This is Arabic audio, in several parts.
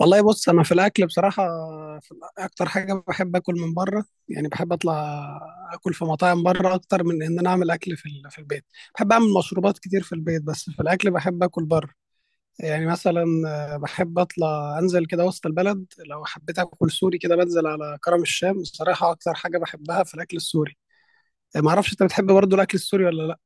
والله بص، انا في الاكل بصراحه اكتر حاجه بحب اكل من بره، يعني بحب اطلع اكل في مطاعم بره اكتر من ان انا اعمل اكل في البيت. بحب اعمل مشروبات كتير في البيت، بس في الاكل بحب اكل بره. يعني مثلا بحب اطلع انزل كده وسط البلد، لو حبيت اكل سوري كده بنزل على كرم الشام. الصراحه اكتر حاجه بحبها في الاكل السوري. ما اعرفش انت بتحب برضو الاكل السوري ولا لا.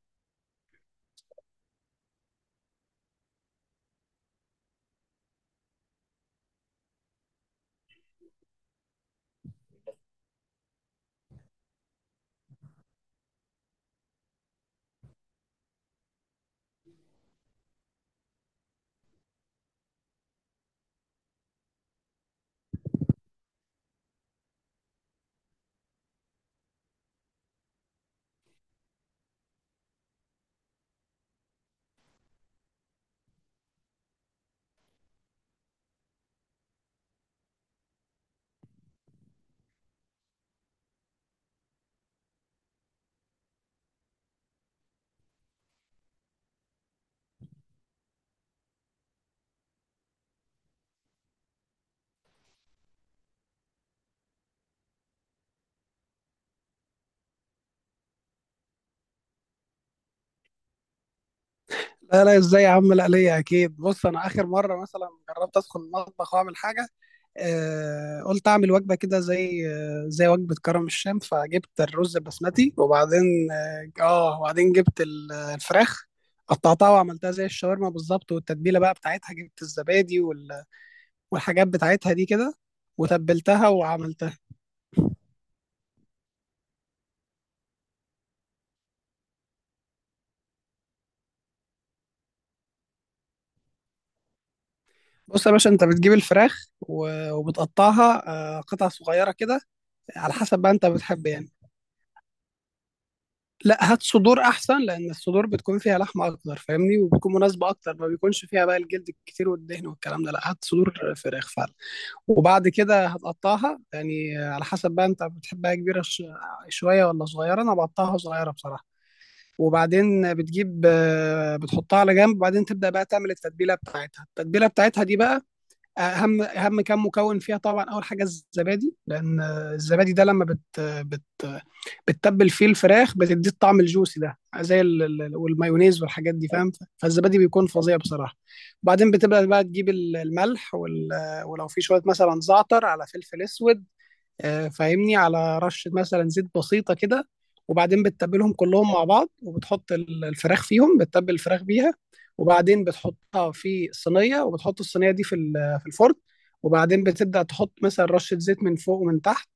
لا لا، ازاي يا عم، لا ليا اكيد. بص انا اخر مره مثلا جربت ادخل المطبخ واعمل حاجه، قلت اعمل وجبه كده زي زي وجبه كرم الشام. فجبت الرز البسمتي، وبعدين اه وبعدين جبت الفراخ، قطعتها وعملتها زي الشاورما بالظبط. والتتبيله بقى بتاعتها، جبت الزبادي والحاجات بتاعتها دي كده، وتبلتها وعملتها. بص يا باشا، انت بتجيب الفراخ وبتقطعها قطع صغيره كده، على حسب بقى انت بتحب يعني. لا هات صدور احسن، لان الصدور بتكون فيها لحمه اكتر، فاهمني، وبتكون مناسبه اكتر، ما بيكونش فيها بقى الجلد الكتير والدهن والكلام ده. لا هات صدور فراخ فعلا. وبعد كده هتقطعها، يعني على حسب بقى انت بتحبها كبيره شويه ولا صغيره. انا بقطعها صغيره بصراحه. وبعدين بتجيب، بتحطها على جنب، وبعدين تبدا بقى تعمل التتبيله بتاعتها. التتبيله بتاعتها دي بقى اهم كام مكون فيها. طبعا اول حاجه الزبادي، لان الزبادي ده لما بت بت بتتبل فيه الفراخ بتديه الطعم الجوسي ده، زي والمايونيز والحاجات دي، فاهم. فالزبادي بيكون فظيع بصراحه. وبعدين بتبدا بقى تجيب الملح ولو في شويه مثلا زعتر على فلفل اسود، فاهمني، على رشة مثلا زيت بسيطة كده. وبعدين بتتبلهم كلهم مع بعض، وبتحط الفراخ فيهم، بتتبل الفراخ بيها. وبعدين بتحطها في الصينية، وبتحط الصينية دي في الفرن. وبعدين بتبدأ تحط مثلا رشة زيت من فوق ومن تحت.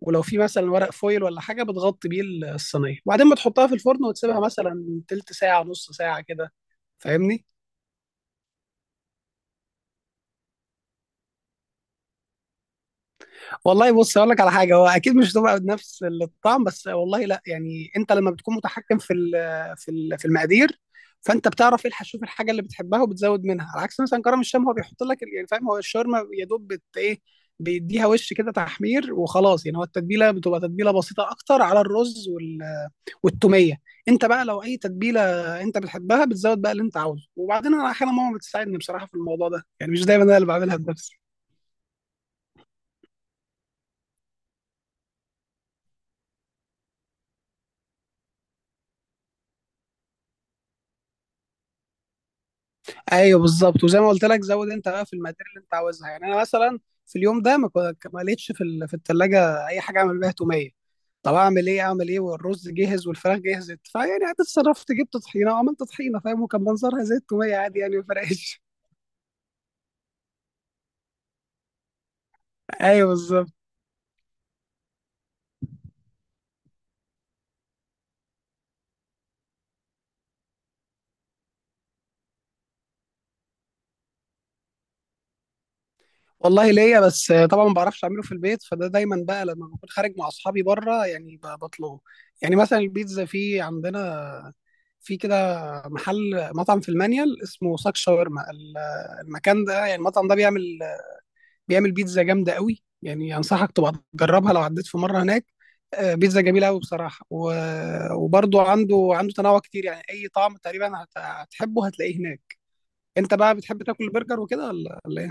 ولو في مثلا ورق فويل ولا حاجة بتغطي بيه الصينية، وبعدين بتحطها في الفرن وتسيبها مثلا تلت ساعة نص ساعة كده، فاهمني. والله بص، اقول لك على حاجه، هو اكيد مش هتبقى بنفس الطعم، بس والله لا، يعني انت لما بتكون متحكم في في المقادير، فانت بتعرف ايه الحشوف الحاجه اللي بتحبها وبتزود منها. على عكس مثلا كرم الشام، هو بيحط لك يعني فاهم، هو الشاورما يا دوب بت ايه، بيديها وش كده تحمير وخلاص يعني. هو التتبيله بتبقى تتبيله بسيطه اكتر، على الرز والتوميه. انت بقى لو اي تتبيله انت بتحبها بتزود بقى اللي انت عاوزه. وبعدين انا احيانا ماما بتساعدني بصراحه في الموضوع ده، يعني مش دايما انا اللي بعملها بنفسي. ايوه بالظبط، وزي ما قلت لك زود انت بقى في المقادير اللي انت عاوزها. يعني انا مثلا في اليوم ده ما لقيتش في الثلاجه اي حاجه اعمل بيها توميه. طب اعمل ايه، اعمل ايه، والرز جهز والفراخ جهزت، فيعني اتصرفت، جبت طحينه وعملت طحينه، فاهم، وكان منظرها زي التوميه عادي، يعني ما فرقش. ايوه بالظبط. والله ليا، بس طبعا ما بعرفش اعمله في البيت، فده دايما بقى لما بكون خارج مع اصحابي بره، يعني بطلبه. يعني مثلا البيتزا في عندنا في كده محل، مطعم في المانيال اسمه ساك شاورما. المكان ده، يعني المطعم ده بيعمل بيعمل بيتزا جامده قوي، يعني انصحك تبقى تجربها لو عديت في مره هناك. بيتزا جميله قوي بصراحه، وبرضو عنده تنوع كتير، يعني اي طعم تقريبا هتحبه هتلاقيه هناك. انت بقى بتحب تاكل برجر وكده ولا ولا ايه؟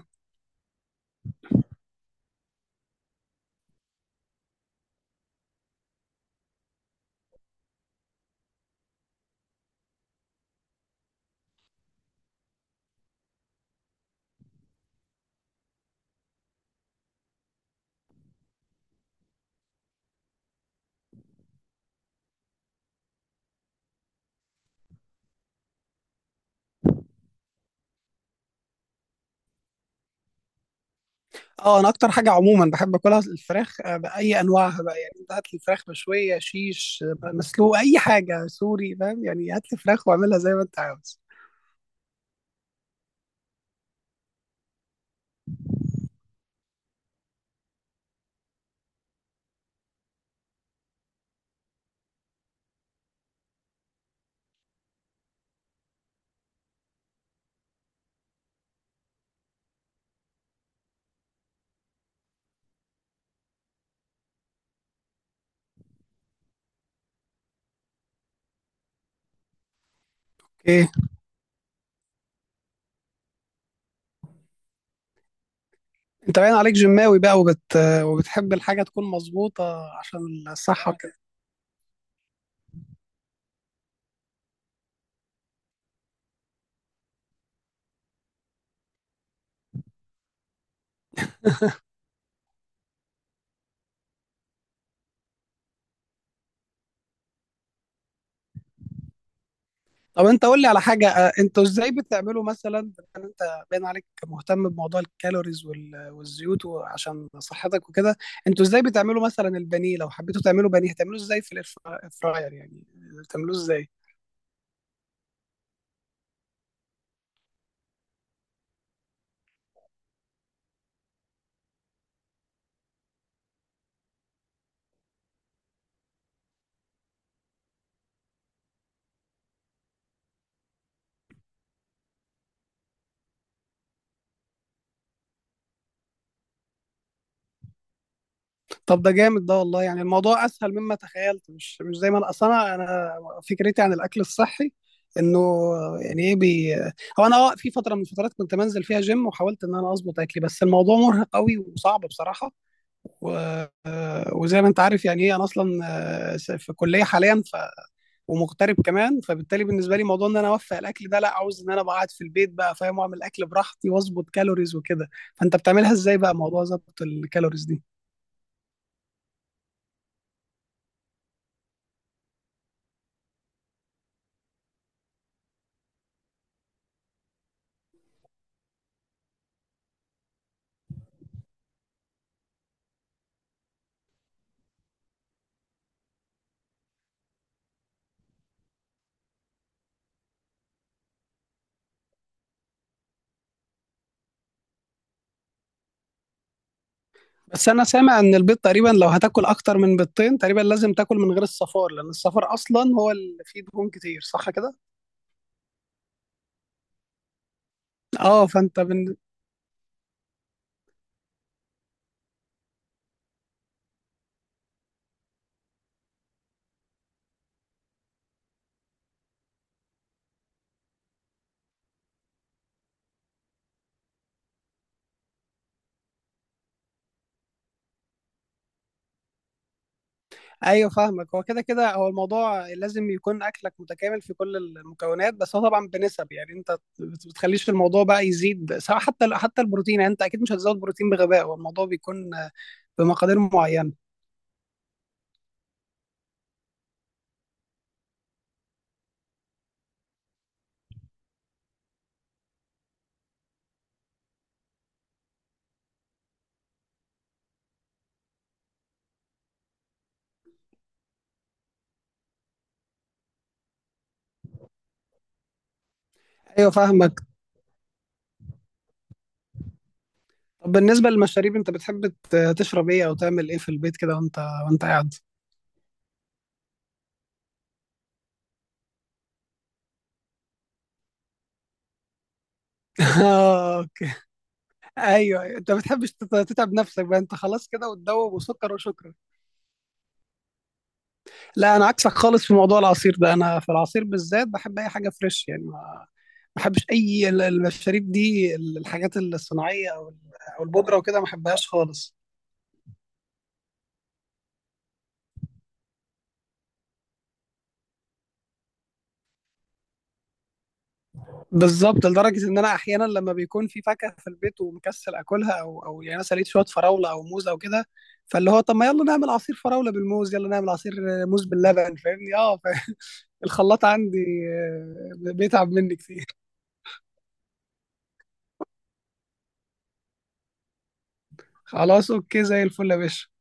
اه انا اكتر حاجه عموما بحب اكلها الفراخ، باي انواعها بقى. يعني انت هات لي فراخ مشويه، شيش، مسلوق، اي حاجه سوري، فاهم، يعني هات لي فراخ واعملها زي ما انت عاوز. اوكي، انت باين عليك جماوي بقى وبتحب الحاجه تكون مظبوطه عشان الصحه وكده. طب انت قول لي على حاجه، اه، انتوا ازاي بتعملوا مثلا؟ يعني انت باين عليك مهتم بموضوع الكالوريز والزيوت عشان صحتك وكده. انتوا ازاي بتعملوا مثلا البانيه؟ لو حبيتوا تعملوا بانيه هتعملوه ازاي في الاير فراير يعني، بتعملوه ازاي؟ طب ده جامد ده والله، يعني الموضوع اسهل مما تخيلت، مش مش زي ما انا اصلا أنا فكرتي عن الاكل الصحي انه، يعني ايه بي، هو انا اه في فتره من الفترات كنت بنزل فيها جيم، وحاولت ان انا اظبط اكلي، بس الموضوع مرهق قوي وصعب بصراحه. و... وزي ما انت عارف يعني ايه، انا اصلا في كليه حاليا، ومغترب كمان، فبالتالي بالنسبه لي موضوع ان انا اوفق الاكل ده، لا عاوز ان انا أبقى قاعد في البيت بقى، فاهم، واعمل اكل براحتي واظبط كالوريز وكده. فانت بتعملها ازاي بقى موضوع ظبط الكالوريز دي؟ بس انا سامع ان البيض تقريبا، لو هتاكل اكتر من بيضتين تقريبا لازم تاكل من غير الصفار، لان الصفار اصلا هو اللي فيه دهون كتير، صح كده؟ اه فانت ايوه فاهمك، هو كده كده هو الموضوع لازم يكون اكلك متكامل في كل المكونات، بس هو طبعا بنسب. يعني انت بتخليش في الموضوع بقى يزيد، سواء حتى حتى البروتين، يعني انت اكيد مش هتزود بروتين بغباء، هو الموضوع بيكون بمقادير معينة. ايوه فاهمك. طب بالنسبة للمشاريب، انت بتحب تشرب ايه او تعمل ايه في البيت كده وانت وانت قاعد؟ ايوه ايوه، انت ما بتحبش تتعب نفسك بقى، انت خلاص كده وتدوب وسكر وشكرا. لا انا عكسك خالص في موضوع العصير ده. انا في العصير بالذات بحب اي حاجه فريش، يعني ما ما بحبش اي المشاريب دي، الحاجات الصناعيه او او البودره وكده ما بحبهاش خالص. بالظبط، لدرجه ان انا احيانا لما بيكون في فاكهه في البيت ومكسل اكلها، او او يعني انا سليت شويه فراوله او موز او كده، فاللي هو طب ما يلا نعمل عصير فراوله بالموز، يلا نعمل عصير موز باللبن، فاهمني اه الخلاط عندي بيتعب مني كتير. خلاص اوكي، زي الفل يا باشا.